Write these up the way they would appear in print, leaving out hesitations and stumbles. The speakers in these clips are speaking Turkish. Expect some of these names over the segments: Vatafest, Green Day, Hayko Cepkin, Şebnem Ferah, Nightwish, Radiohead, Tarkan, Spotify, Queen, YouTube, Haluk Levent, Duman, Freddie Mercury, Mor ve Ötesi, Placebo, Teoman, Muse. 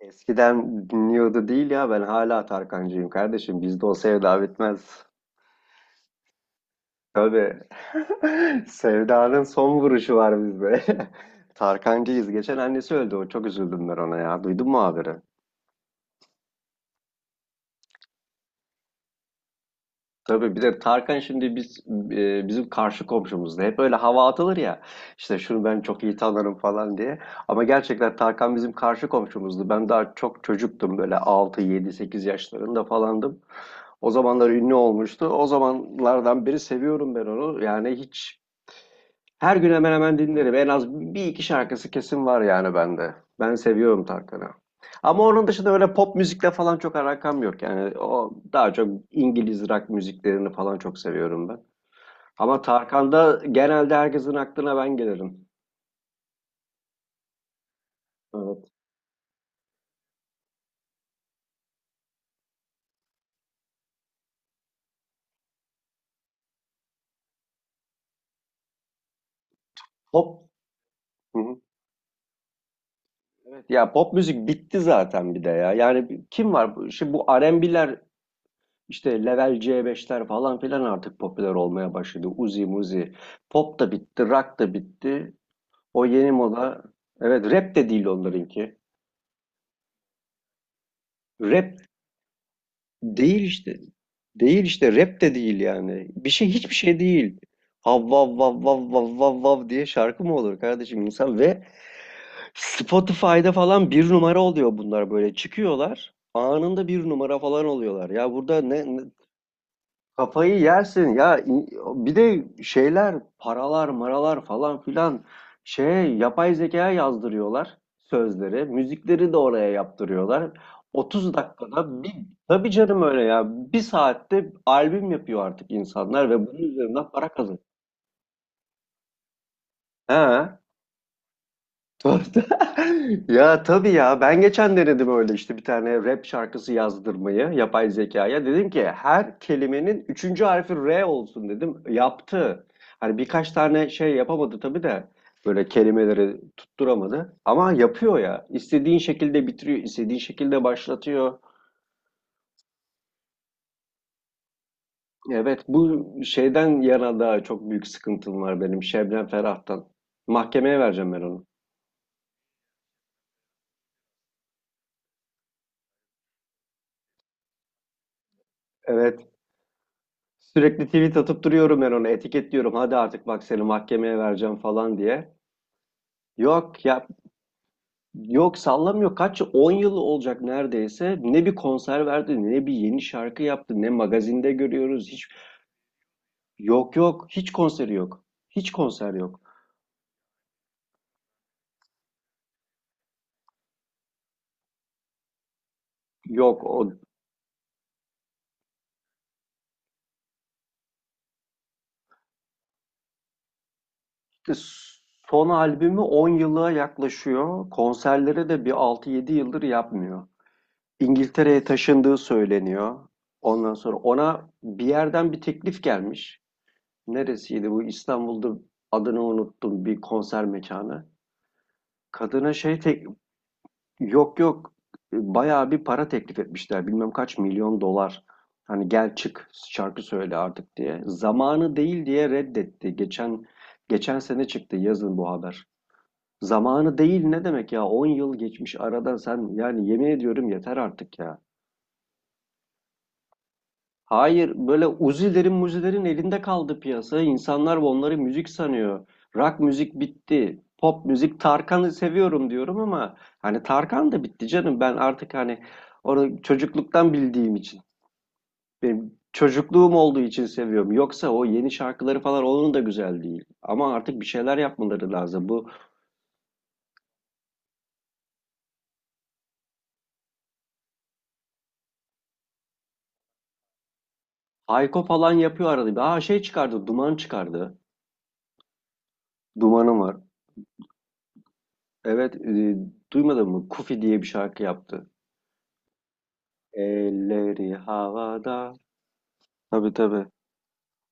Eskiden dinliyordu değil ya ben hala Tarkancıyım kardeşim. Bizde o sevda bitmez. Tabii. Sevdanın son vuruşu var bizde. Tarkancıyız. Geçen annesi öldü. O çok üzüldüm ben ona ya. Duydun mu haberi? Tabii bir de Tarkan şimdi bizim karşı komşumuzda. Hep öyle hava atılır ya. İşte şunu ben çok iyi tanırım falan diye. Ama gerçekten Tarkan bizim karşı komşumuzdu. Ben daha çok çocuktum böyle 6, 7, 8 yaşlarında falandım. O zamanlar ünlü olmuştu. O zamanlardan beri seviyorum ben onu. Yani hiç her gün hemen hemen dinlerim. En az bir iki şarkısı kesin var yani bende. Ben seviyorum Tarkan'ı. Ama onun dışında öyle pop müzikle falan çok alakam yok. Yani o daha çok İngiliz rock müziklerini falan çok seviyorum ben. Ama Tarkan'da genelde herkesin aklına ben gelirim. Evet. Pop Hı hı. Evet. Ya pop müzik bitti zaten bir de ya. Yani kim var? Şimdi bu R&B'ler, İşte level C5'ler falan filan artık popüler olmaya başladı. Uzi muzi. Pop da bitti, rock da bitti. O yeni moda. Evet rap de değil onlarınki. Rap değil işte. Değil işte rap de değil yani. Bir şey hiçbir şey değil. Hav vav vav vav vav vav vav diye şarkı mı olur kardeşim insan ve Spotify'da falan bir numara oluyor bunlar böyle çıkıyorlar. Anında bir numara falan oluyorlar. Ya burada ne? Kafayı yersin ya. Bir de şeyler paralar maralar falan filan, şey, yapay zekaya yazdırıyorlar, sözleri müzikleri de oraya yaptırıyorlar, 30 dakikada bir. Tabii canım, öyle ya, bir saatte albüm yapıyor artık insanlar ve bunun üzerinden para kazanıyor. He. Tuhafta. Ya tabii ya, ben geçen denedim öyle işte bir tane rap şarkısı yazdırmayı yapay zekaya. Dedim ki her kelimenin üçüncü harfi R olsun dedim. Yaptı. Hani birkaç tane şey yapamadı tabii de, böyle kelimeleri tutturamadı. Ama yapıyor ya. İstediğin şekilde bitiriyor, istediğin şekilde başlatıyor. Evet, bu şeyden yana da çok büyük sıkıntım var benim, Şebnem Ferah'tan. Mahkemeye vereceğim ben onu. Evet. Sürekli tweet atıp duruyorum ben ona, etiketliyorum. Hadi artık bak seni mahkemeye vereceğim falan diye. Yok ya, yok sallamıyor. Kaç yıl? 10 yıl olacak neredeyse. Ne bir konser verdi, ne bir yeni şarkı yaptı, ne magazinde görüyoruz. Hiç. Yok yok, hiç konseri yok. Hiç konser yok. Yok, o son albümü 10 yıla yaklaşıyor. Konserleri de bir 6-7 yıldır yapmıyor. İngiltere'ye taşındığı söyleniyor. Ondan sonra ona bir yerden bir teklif gelmiş. Neresiydi bu? İstanbul'da, adını unuttum, bir konser mekanı. Kadına şey tek, yok yok, bayağı bir para teklif etmişler. Bilmem kaç milyon dolar. Hani gel çık şarkı söyle artık diye. Zamanı değil diye reddetti. Geçen sene çıktı yazın bu haber. Zamanı değil ne demek ya? 10 yıl geçmiş aradan, sen yani yemin ediyorum yeter artık ya. Hayır, böyle Uzi'lerin Muzi'lerin elinde kaldı piyasa. İnsanlar onları müzik sanıyor. Rock müzik bitti. Pop müzik, Tarkan'ı seviyorum diyorum ama hani Tarkan da bitti canım. Ben artık hani onu çocukluktan bildiğim için, benim çocukluğum olduğu için seviyorum. Yoksa o yeni şarkıları falan onun da güzel değil. Ama artık bir şeyler yapmaları lazım. Bu Hayko falan yapıyor arada bir. Aa, şey çıkardı, Duman çıkardı. Dumanım var. Evet, duymadın mı? Kufi diye bir şarkı yaptı. Elleri havada. Tabii tabii.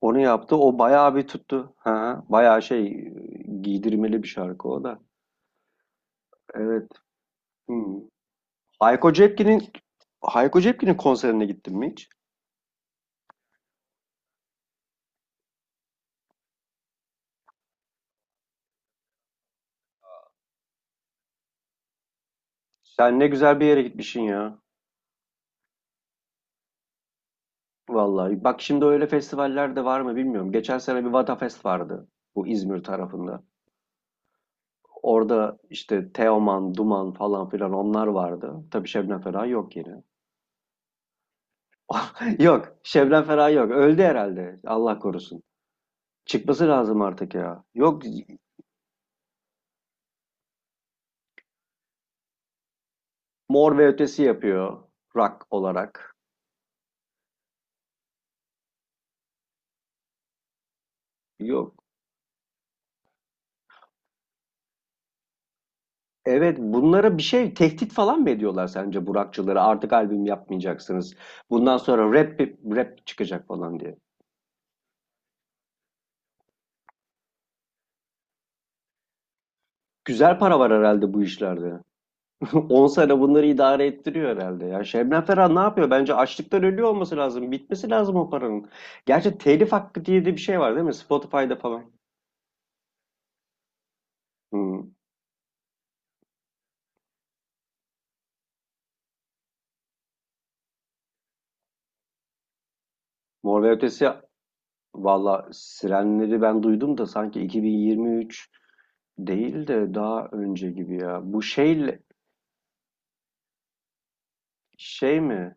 Onu yaptı. O bayağı bir tuttu. Ha, bayağı şey, giydirmeli bir şarkı o da. Evet. Hmm. Hayko Cepkin'in Hayko Cepkin'in konserine gittin mi hiç? Sen ne güzel bir yere gitmişsin ya. Vallahi. Bak şimdi öyle festivaller de var mı bilmiyorum. Geçen sene bir Vatafest vardı, bu İzmir tarafında. Orada işte Teoman, Duman falan filan, onlar vardı. Tabii Şebnem Ferah yok yine. Yok, Şebnem Ferah yok. Öldü herhalde. Allah korusun. Çıkması lazım artık ya. Yok, Mor ve Ötesi yapıyor rock olarak. Yok. Evet, bunlara bir şey tehdit falan mı ediyorlar sence burakçıları? Artık albüm yapmayacaksınız. Bundan sonra rap çıkacak falan diye. Güzel para var herhalde bu işlerde. 10 sene bunları idare ettiriyor herhalde ya. Şebnem Ferah ne yapıyor? Bence açlıktan ölüyor olması lazım. Bitmesi lazım o paranın. Gerçi telif hakkı diye de bir şey var değil mi? Spotify'da falan. Hmm. Mor ve Ötesi, valla Sirenleri ben duydum da sanki 2023 değil de daha önce gibi ya. Bu şeyle, şey mi?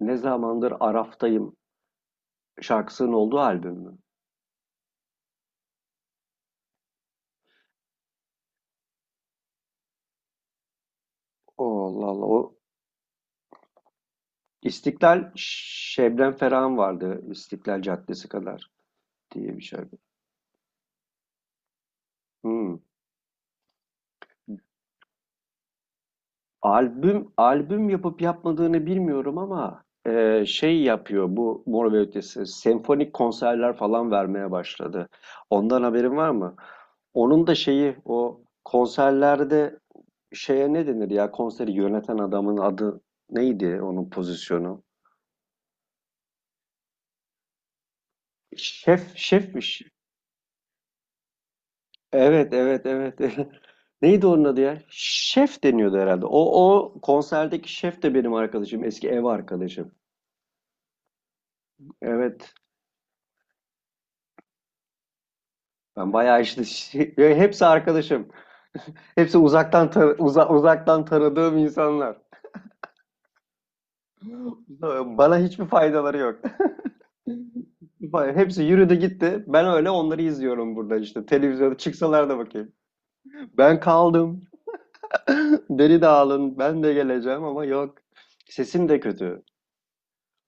Ne zamandır Araf'tayım şarkısının olduğu albüm mü? Oo, Allah Allah. O İstiklal Şebnem Ferah'ın vardı. İstiklal Caddesi kadar diye bir şarkı. Hmm. Albüm albüm yapıp yapmadığını bilmiyorum ama şey yapıyor bu Mor ve Ötesi. Senfonik konserler falan vermeye başladı. Ondan haberin var mı? Onun da şeyi o konserlerde, şeye ne denir ya, konseri yöneten adamın adı, neydi onun pozisyonu? Şef, şefmiş. Evet evet evet. Neydi onun adı ya? Şef deniyordu herhalde. O konserdeki şef de benim arkadaşım, eski ev arkadaşım. Evet. Ben bayağı işte ya, hepsi arkadaşım. Hepsi uzaktan uzaktan tanıdığım insanlar. Bana hiçbir faydaları yok. Hepsi yürüdü gitti. Ben öyle onları izliyorum burada işte. Televizyonda çıksalar da bakayım. Ben kaldım. Beni de alın. Ben de geleceğim ama yok. Sesim de kötü.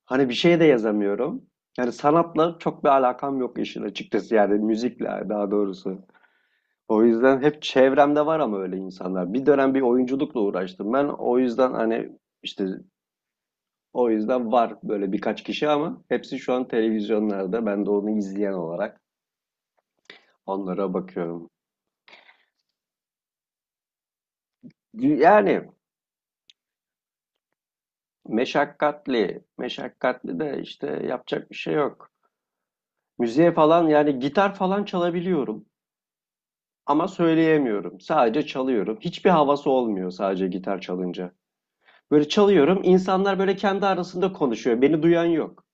Hani bir şey de yazamıyorum. Yani sanatla çok bir alakam yok işin açıkçası. Yani müzikle daha doğrusu. O yüzden hep çevremde var ama öyle insanlar. Bir dönem bir oyunculukla uğraştım ben. O yüzden hani işte, o yüzden var böyle birkaç kişi ama hepsi şu an televizyonlarda. Ben de onu izleyen olarak onlara bakıyorum. Yani meşakkatli, meşakkatli de işte yapacak bir şey yok. Müziğe falan, yani gitar falan çalabiliyorum ama söyleyemiyorum. Sadece çalıyorum. Hiçbir havası olmuyor sadece gitar çalınca. Böyle çalıyorum, insanlar böyle kendi arasında konuşuyor. Beni duyan yok.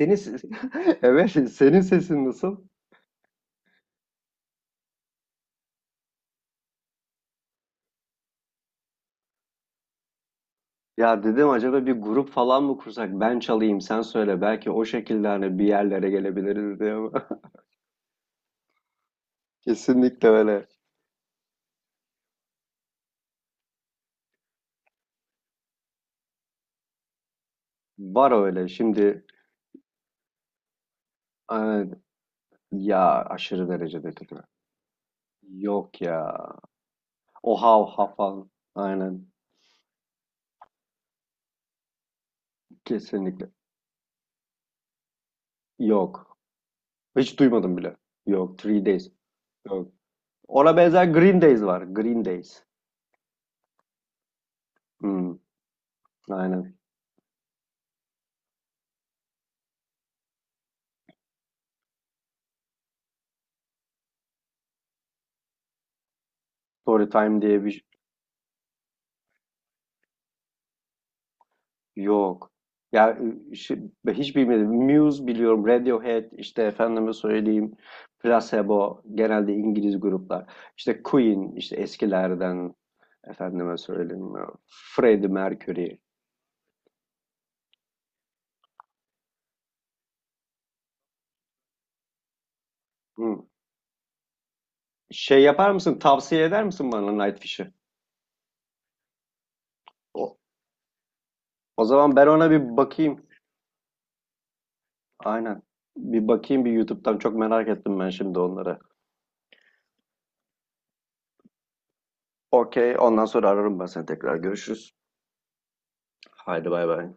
Senin ses- evet, senin sesin nasıl? Ya dedim, acaba bir grup falan mı kursak? Ben çalayım sen söyle. Belki o şekilde hani bir yerlere gelebiliriz diye, ama. Kesinlikle öyle. Var öyle. Şimdi, e, ya aşırı derecede kötü. Yok ya. O hav hav falan. Aynen. Kesinlikle. Yok. Hiç duymadım bile. Yok. Three Days. Yok. Ona benzer Green Days var. Green Days. Hmm, aynen. Story Time diye bir. Yok. Ya şey, hiç bilmedim. Muse biliyorum, Radiohead, işte efendime söyleyeyim, Placebo, genelde İngiliz gruplar. İşte Queen, işte eskilerden, efendime söyleyeyim, Freddie Mercury. Hı. Şey yapar mısın, tavsiye eder misin bana Nightwish'i? O, o zaman ben ona bir bakayım. Aynen. Bir bakayım bir YouTube'dan. Çok merak ettim ben şimdi onları. Okey, ondan sonra ararım ben seni tekrar. Görüşürüz. Haydi bay bay.